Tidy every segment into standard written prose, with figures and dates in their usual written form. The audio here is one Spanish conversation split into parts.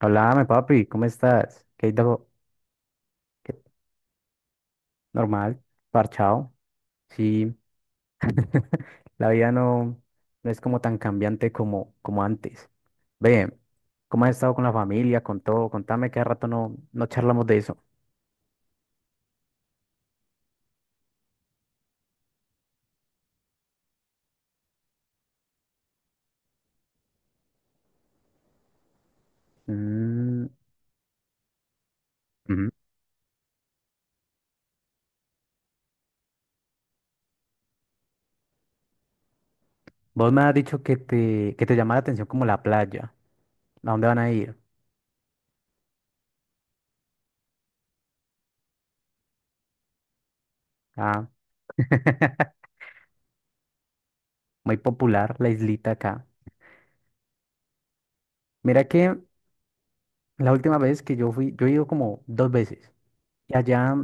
Háblame, papi, ¿cómo estás? ¿Qué hay de qué- normal? Parchado. Sí, la vida no es como tan cambiante como antes. Ve, ¿cómo has estado con la familia, con todo? Contame que hace rato no charlamos de eso. Mm, ujú. Vos me has dicho que te llama la atención como la playa. ¿A dónde van a ir? Ah, muy popular la islita acá. Mira que la última vez que yo fui, yo he ido como dos veces. Y allá,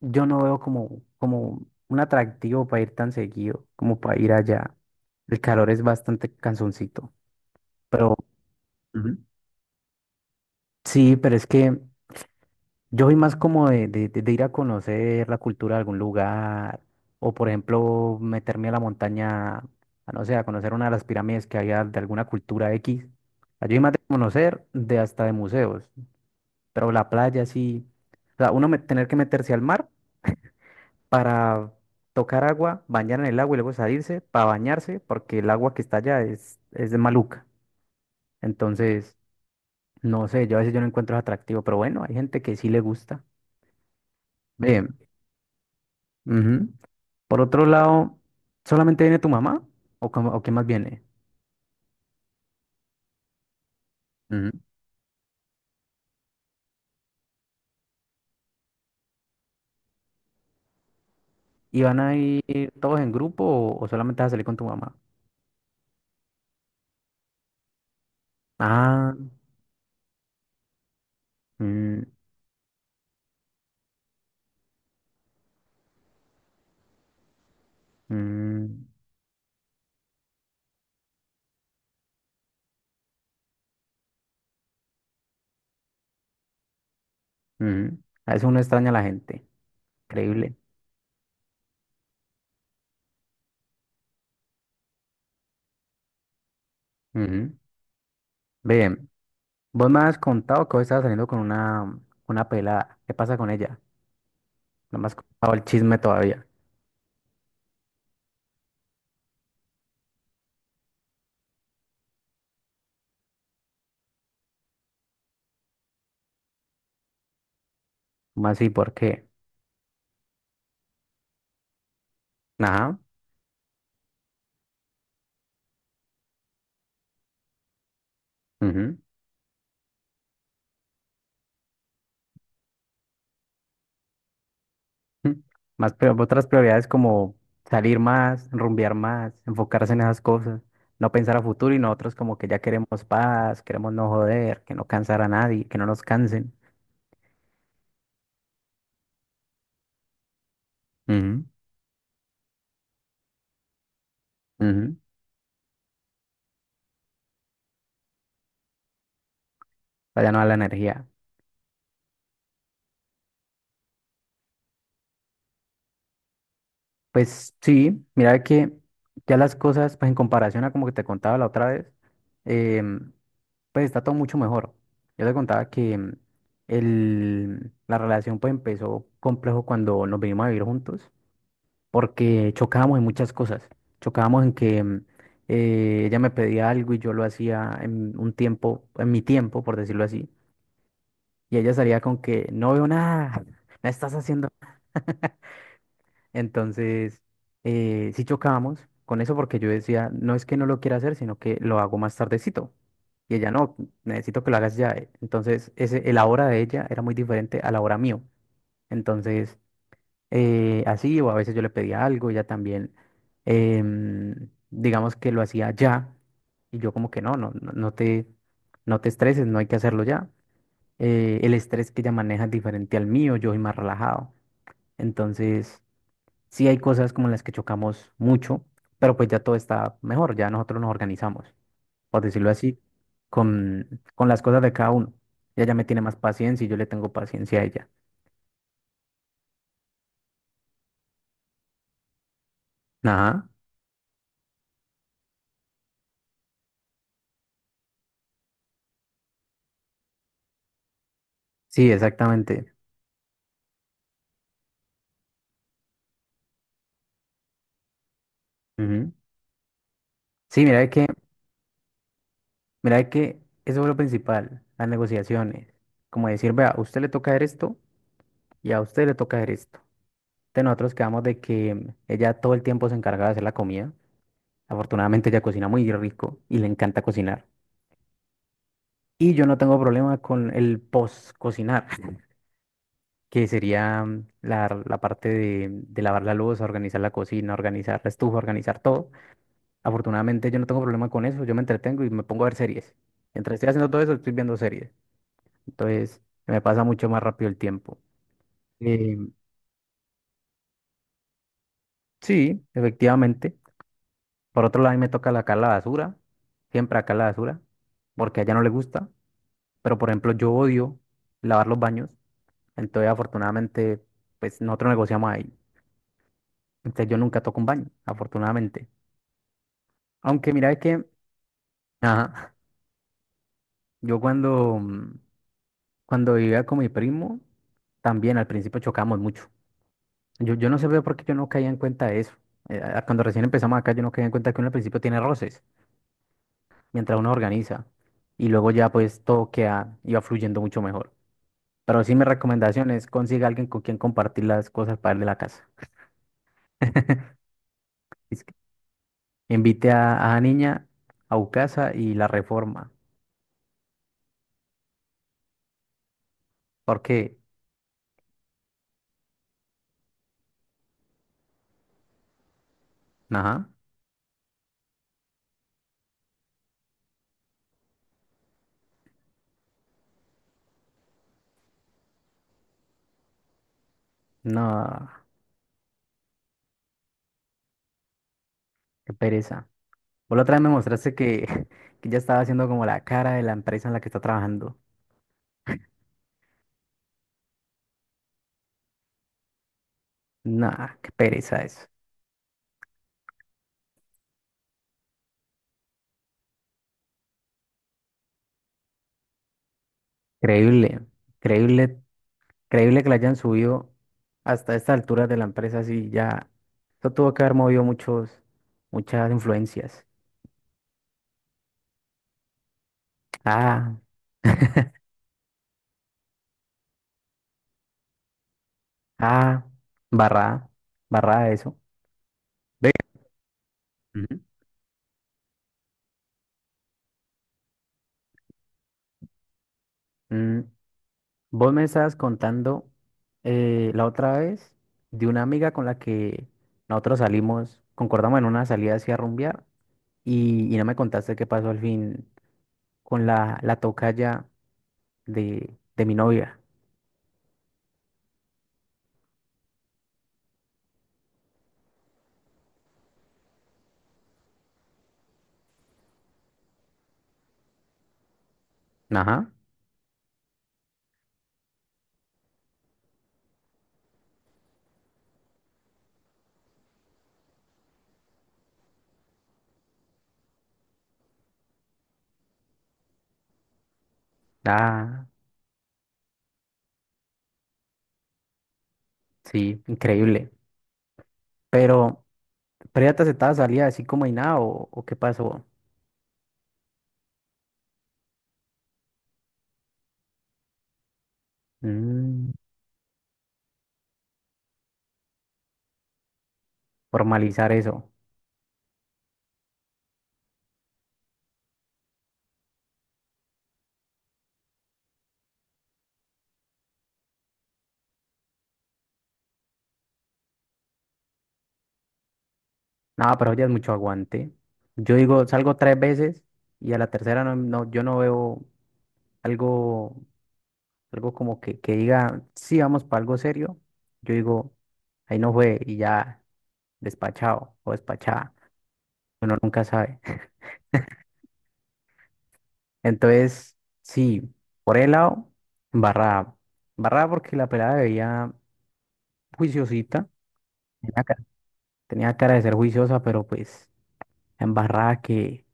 yo no veo como un atractivo para ir tan seguido, como para ir allá. El calor es bastante cansoncito. Pero, ujú, sí, pero es que yo soy más como de ir a conocer la cultura de algún lugar, o por ejemplo, meterme a la montaña, a no sé, a conocer una de las pirámides que había de alguna cultura X. O sea, yo soy más de conocer, de hasta de museos, pero la playa sí. O sea, tener que meterse al mar para tocar agua, bañar en el agua y luego salirse para bañarse, porque el agua que está allá es de maluca. Entonces, no sé, yo a veces yo no encuentro atractivo, pero bueno, hay gente que sí le gusta. Ve, ujú. Por otro lado, ¿solamente viene tu mamá? ¿O, o qué más viene? Ujú. ¿Y van a ir todos en grupo, o solamente vas a salir con tu mamá? Ah, mm, mm, ujú. A veces uno extraña a la gente, increíble. Ujú. Ve, vos me has contado que hoy estabas saliendo con una pelada. ¿Qué pasa con ella? No me has contado el chisme todavía. ¿Cómo así? ¿Por qué? Ajá, ujú, mm. Otras prioridades como salir más, rumbear más, enfocarse en esas cosas, no pensar a futuro y nosotros como que ya queremos paz, queremos no joder, que no cansar a nadie, que no nos cansen. Ujú, ujú, vaya no a la energía. Pues sí, mira que ya las cosas, pues en comparación a como que te contaba la otra vez, em, pues está todo mucho mejor. Yo te contaba que la relación pues empezó complejo cuando nos vinimos a vivir juntos, porque chocábamos en muchas cosas. Chocábamos en que ella me pedía algo y yo lo hacía en un tiempo, en mi tiempo, por decirlo así, y ella salía con que no veo nada, no estás haciendo nada. Entonces, sí chocábamos con eso porque yo decía, no es que no lo quiera hacer, sino que lo hago más tardecito. Y ella, no, necesito que lo hagas ya. Entonces, el ahora de ella era muy diferente a la hora mío. Entonces, así, o a veces yo le pedía algo, ella también, digamos que lo hacía ya. Y yo como que no te estreses, no hay que hacerlo ya. El estrés que ella maneja es diferente al mío, yo soy más relajado. Entonces, sí hay cosas como las que chocamos mucho, pero pues ya todo está mejor, ya nosotros nos organizamos, por decirlo así, con las cosas de cada uno. Ella ya me tiene más paciencia y yo le tengo paciencia a ella. Ajá, sí, exactamente. Ujú. Sí, mira de que eso es lo principal, las negociaciones. Como decir, vea, a usted le toca hacer esto y a usted le toca hacer esto. De nosotros quedamos de que ella todo el tiempo se encarga de hacer la comida. Afortunadamente ella cocina muy rico y le encanta cocinar. Y yo no tengo problema con el post-cocinar, que sería la parte de lavar la luz, organizar la cocina, organizar la estufa, organizar todo. Afortunadamente yo no tengo problema con eso, yo me entretengo y me pongo a ver series. Mientras estoy haciendo todo eso, estoy viendo series. Entonces me pasa mucho más rápido el tiempo. Eh, sí, efectivamente. Por otro lado, a mí me toca acá la basura, siempre acá la basura, porque a ella no le gusta. Pero por ejemplo, yo odio lavar los baños, entonces afortunadamente pues nosotros negociamos ahí. Entonces yo nunca toco un baño, afortunadamente. Aunque mira es que, ajá, yo cuando, cuando vivía con mi primo, también al principio chocábamos mucho. Yo no sé por qué yo no caía en cuenta de eso. Cuando recién empezamos acá, yo no caía en cuenta que uno al principio tiene roces, mientras uno organiza. Y luego ya pues todo queda, iba fluyendo mucho mejor. Pero sí, mi recomendación es consiga alguien con quien compartir las cosas para el la casa. Es que invite a la niña a su casa y la reforma. Porque, ajá. No, qué pereza. Vos la otra vez me mostraste que, que ya estaba haciendo como la cara de la empresa en la que está trabajando. No, qué pereza eso. Increíble, increíble, increíble que la hayan subido hasta esta altura de la empresa así ya. Eso tuvo que haber movido muchas influencias. Ah, ah, barra, barra eso. Ve. Ujú. Mm, vos me estabas contando la otra vez de una amiga con la que nosotros salimos, concordamos en una salida hacia rumbear y no me contaste qué pasó al fin con la tocaya de mi novia. Ajá. Ah, sí, increíble. Pero, ¿Pero ya te aceptaba salida así como y nada, o o qué pasó? Mm, formalizar eso. No, pero ya es mucho aguante. Yo digo, salgo tres veces y a la tercera no, no, yo no veo algo, algo como que diga, sí, vamos para algo serio, yo digo, ahí no fue y ya despachado o despachada, uno nunca sabe. Entonces, sí, por el lado, barrada. Barrada porque la pelada veía juiciosita, tenía, ca- tenía cara de ser juiciosa, pero pues embarrada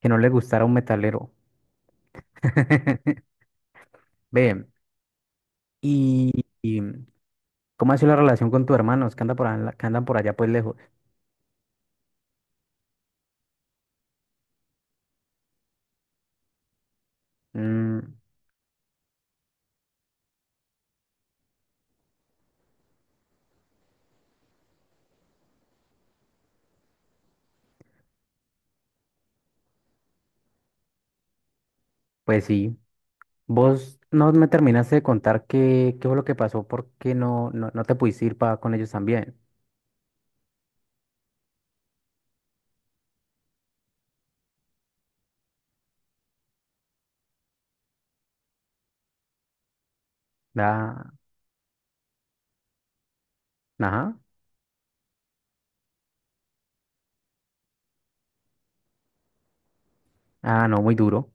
que no le gustara un metalero. Ve, y, y, ¿cómo ha sido la relación con tu hermano? Es que anda por, que andan por allá pues lejos. Mm, pues sí. Vos no me terminaste de contar qué, qué fue lo que pasó, por qué no te pudiste ir con ellos también. Da, ajá. Ah, no, muy duro.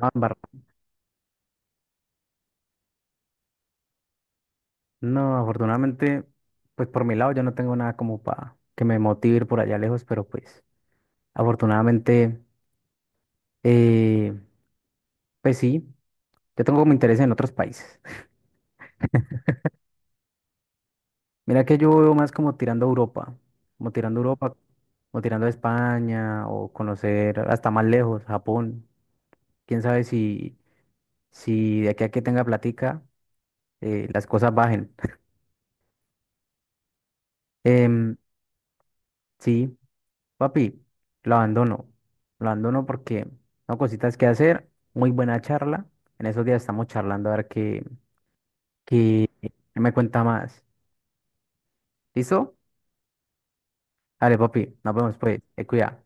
No, no, afortunadamente, pues por mi lado yo no tengo nada como para que me motive ir por allá lejos, pero pues afortunadamente, eh, pues sí, yo tengo como interés en otros países. Mira que yo veo más como tirando a Europa, como tirando a Europa, como tirando a España o conocer hasta más lejos, Japón. Quién sabe si... si de aquí a que tenga platica, las cosas bajen. Em, sí, papi, lo abandono. Lo abandono porque no cositas que hacer. Muy buena charla. En esos días estamos charlando a ver qué, qué qué me cuenta más. ¿Listo? Dale, papi, nos vemos pues. Te cuida.